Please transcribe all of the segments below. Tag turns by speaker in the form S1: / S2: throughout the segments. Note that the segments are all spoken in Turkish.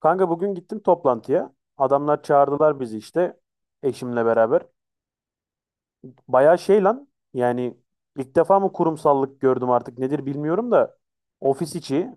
S1: Kanka bugün gittim toplantıya. Adamlar çağırdılar bizi işte eşimle beraber. Bayağı şey lan yani ilk defa mı kurumsallık gördüm artık nedir bilmiyorum da ofis içi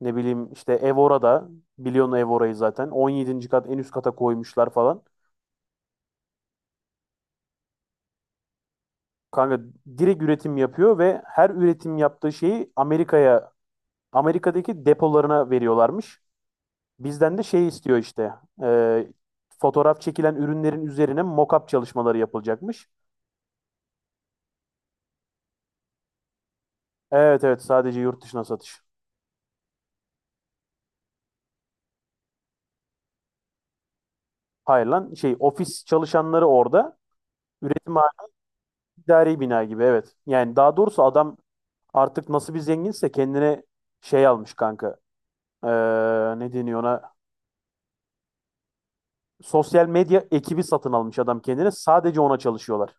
S1: ne bileyim işte ev orada biliyorsun ev orayı zaten 17. kat en üst kata koymuşlar falan. Kanka direkt üretim yapıyor ve her üretim yaptığı şeyi Amerika'daki depolarına veriyorlarmış. Bizden de şey istiyor işte e, fotoğraf çekilen ürünlerin üzerine mock-up çalışmaları yapılacakmış. Evet, evet, sadece yurt dışına satış. Hayır lan şey ofis çalışanları orada. Üretim hali idari bina gibi evet. Yani daha doğrusu adam artık nasıl bir zenginse kendine şey almış kanka. Ee, Ne deniyor ona? Sosyal medya ekibi satın almış adam kendine. Sadece ona çalışıyorlar.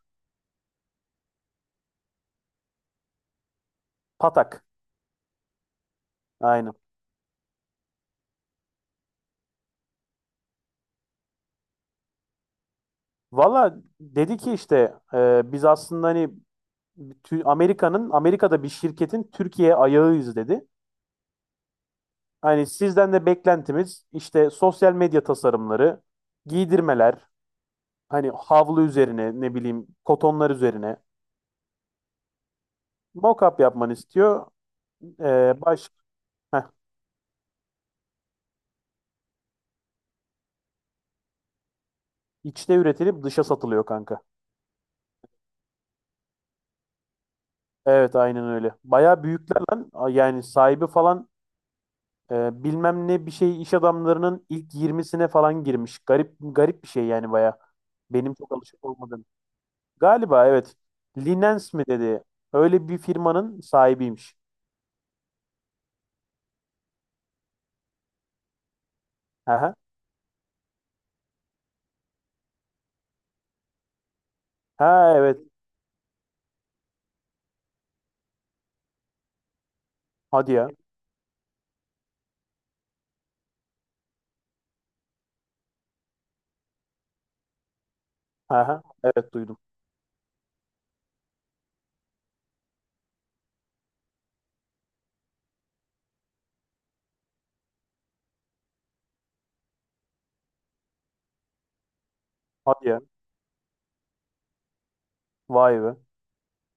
S1: Patak. Aynen. Valla dedi ki işte biz aslında hani Amerika'da bir şirketin Türkiye ayağıyız dedi. Hani sizden de beklentimiz işte sosyal medya tasarımları, giydirmeler, hani havlu üzerine ne bileyim kotonlar üzerine mock-up yapmanı istiyor. Ee, baş heh, içte üretilip dışa satılıyor kanka. Evet aynen öyle. Bayağı büyükler lan. Yani sahibi falan bilmem ne bir şey iş adamlarının ilk 20'sine falan girmiş. Garip garip bir şey yani bayağı. Benim çok alışık olmadığım. Galiba evet. Linens mi dedi. Öyle bir firmanın sahibiymiş. Aha. Ha, evet. Hadi ya. Aha, evet, duydum. Hadi ya. Vay be.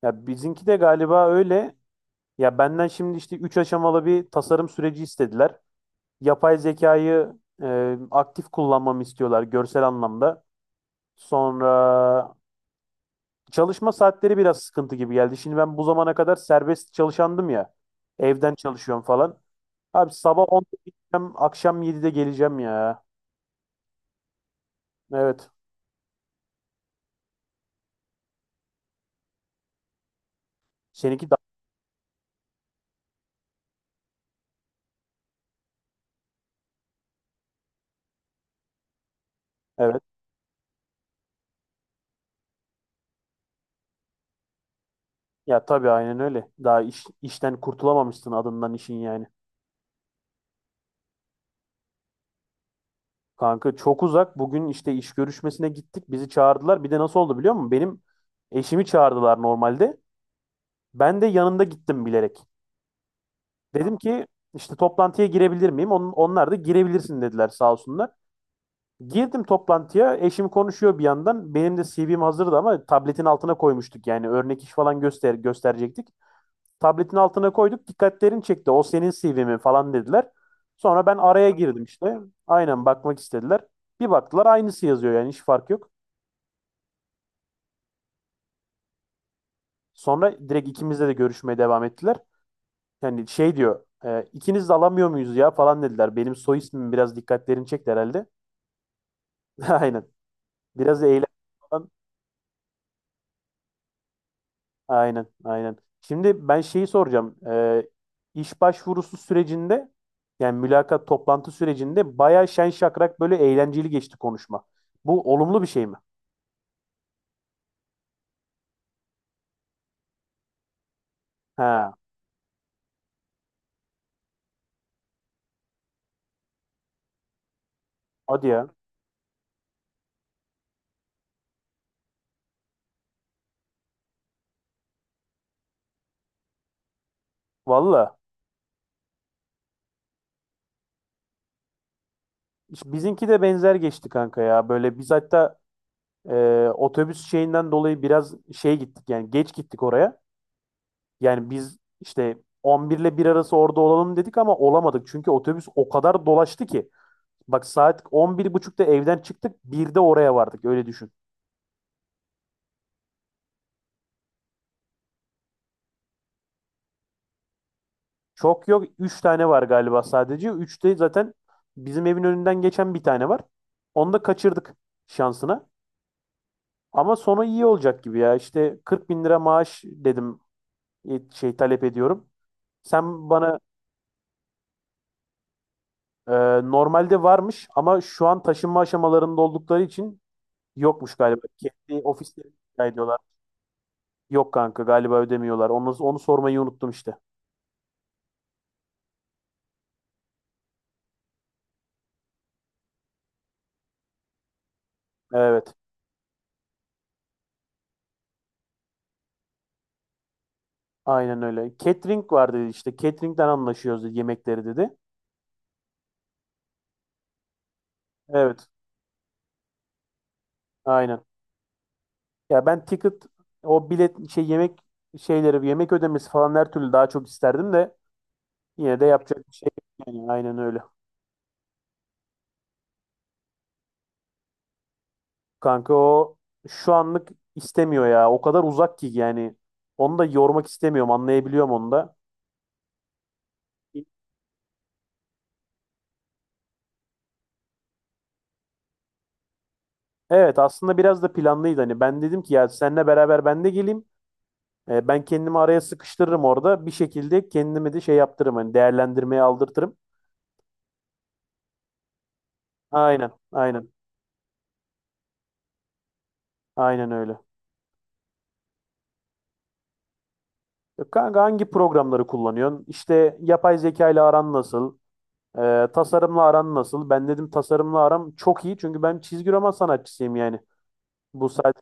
S1: Ya bizimki de galiba öyle. Ya benden şimdi işte 3 aşamalı bir tasarım süreci istediler. Yapay zekayı aktif kullanmamı istiyorlar görsel anlamda. Sonra çalışma saatleri biraz sıkıntı gibi geldi. Şimdi ben bu zamana kadar serbest çalışandım ya. Evden çalışıyorum falan. Abi sabah onda gideceğim, akşam 7'de geleceğim ya. Evet. Seninki daha... Evet. Ya tabii aynen öyle. Daha işten kurtulamamışsın adından işin yani. Kanka çok uzak. Bugün işte iş görüşmesine gittik. Bizi çağırdılar. Bir de nasıl oldu biliyor musun? Benim eşimi çağırdılar normalde. Ben de yanında gittim bilerek. Dedim ki işte toplantıya girebilir miyim? Onlar da girebilirsin dediler sağ olsunlar. Girdim toplantıya. Eşim konuşuyor bir yandan. Benim de CV'm hazırdı ama tabletin altına koymuştuk. Yani örnek iş falan gösterecektik. Tabletin altına koyduk. Dikkatlerini çekti. O senin CV mi falan dediler. Sonra ben araya girdim işte. Aynen, bakmak istediler. Bir baktılar aynısı yazıyor yani hiç fark yok. Sonra direkt ikimizle de görüşmeye devam ettiler. Yani şey diyor ikiniz de alamıyor muyuz ya falan dediler. Benim soy ismim biraz dikkatlerini çekti herhalde. Aynen. Biraz da eğlen. Aynen, aynen. Şimdi ben şeyi soracağım. İş başvurusu sürecinde yani mülakat toplantı sürecinde bayağı şen şakrak böyle eğlenceli geçti konuşma. Bu olumlu bir şey mi? Ha, hadi ya. Valla. Bizimki de benzer geçti kanka ya. Böyle biz hatta otobüs şeyinden dolayı biraz şey gittik yani geç gittik oraya. Yani biz işte 11 ile 1 arası orada olalım dedik ama olamadık. Çünkü otobüs o kadar dolaştı ki. Bak saat 11.30'da evden çıktık. 1'de oraya vardık. Öyle düşün. Çok yok. Üç tane var galiba sadece. Üçte zaten bizim evin önünden geçen bir tane var. Onu da kaçırdık şansına. Ama sonu iyi olacak gibi ya. İşte 40 bin lira maaş dedim şey talep ediyorum. Sen bana e, normalde varmış ama şu an taşınma aşamalarında oldukları için yokmuş galiba. Kendi ofisleri rica ediyorlar. Yok kanka galiba ödemiyorlar. Onu sormayı unuttum işte. Evet. Aynen öyle. Catering var dedi işte. Catering'den anlaşıyoruz dedi, yemekleri dedi. Evet. Aynen. Ya ben ticket o bilet şey yemek şeyleri yemek ödemesi falan her türlü daha çok isterdim de yine de yapacak bir şey yok yani. Aynen öyle. Kanka o şu anlık istemiyor ya. O kadar uzak ki yani. Onu da yormak istemiyorum. Anlayabiliyorum onu da. Evet aslında biraz da planlıydı. Hani ben dedim ki ya seninle beraber ben de geleyim. Ben kendimi araya sıkıştırırım orada. Bir şekilde kendimi de şey yaptırırım. Hani değerlendirmeye aldırtırım. Aynen, aynen. Aynen öyle. Kanka hangi programları kullanıyorsun? İşte yapay zeka ile aran nasıl? Tasarımla aran nasıl? Ben dedim tasarımla aram çok iyi. Çünkü ben çizgi roman sanatçısıyım yani. Bu saat.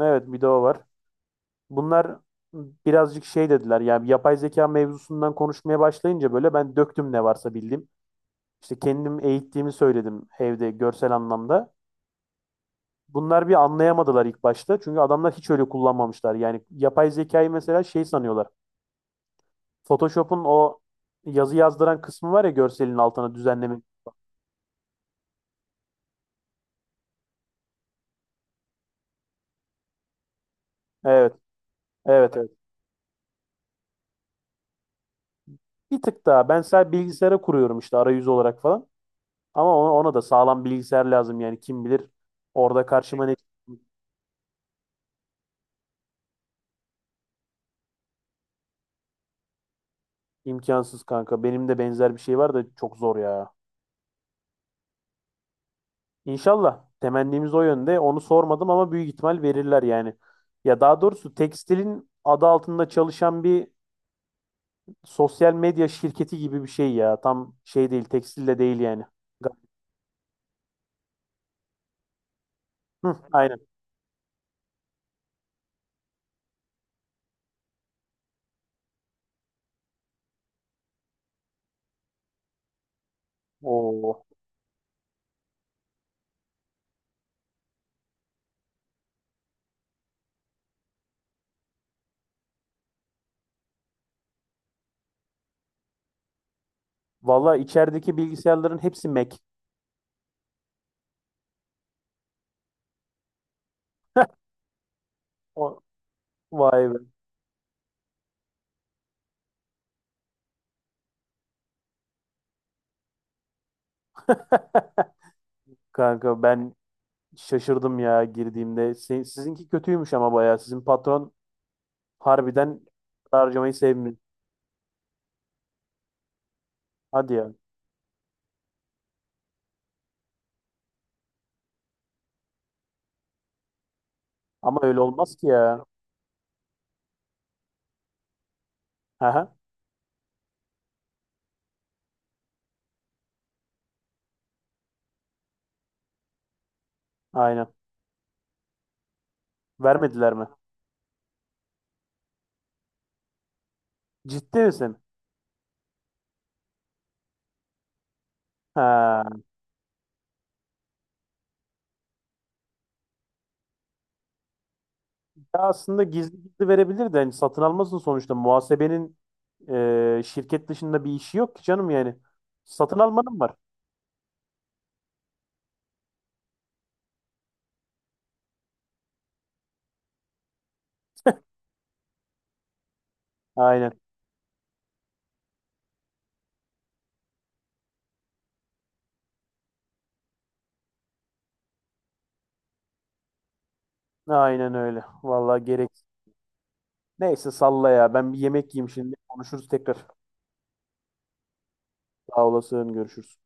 S1: Evet bir de o var. Bunlar birazcık şey dediler. Yani yapay zeka mevzusundan konuşmaya başlayınca böyle ben döktüm ne varsa bildiğim. İşte kendim eğittiğimi söyledim evde görsel anlamda. Bunlar bir anlayamadılar ilk başta. Çünkü adamlar hiç öyle kullanmamışlar. Yani yapay zekayı mesela şey sanıyorlar. Photoshop'un o yazı yazdıran kısmı var ya görselin altına düzenleme. Evet, evet, evet. Bir tık daha. Ben sadece bilgisayara kuruyorum işte arayüz olarak falan. Ama ona da sağlam bilgisayar lazım yani kim bilir orada karşıma ne çıkacak. İmkansız kanka. Benim de benzer bir şey var da çok zor ya. İnşallah temennimiz o yönde. Onu sormadım ama büyük ihtimal verirler yani. Ya daha doğrusu tekstilin adı altında çalışan bir sosyal medya şirketi gibi bir şey ya. Tam şey değil, tekstil de değil yani. Ga- Hı, aynen. Oo. Valla içerideki bilgisayarların hepsi Mac. O, vay be. Kanka ben şaşırdım ya girdiğimde. Sizinki kötüymüş ama bayağı. Sizin patron harbiden harcamayı sevmiyor. Hadi ya. Ama öyle olmaz ki ya. Aha, aynen. Vermediler mi? Ciddi misin? Ha. Ya aslında gizli gizli verebilir de hani satın almasın sonuçta. Muhasebenin şirket dışında bir işi yok ki canım yani. Satın almanın var. Aynen. Aynen öyle. Vallahi gerekli. Neyse salla ya. Ben bir yemek yiyeyim şimdi. Konuşuruz tekrar. Sağ olasın. Görüşürüz.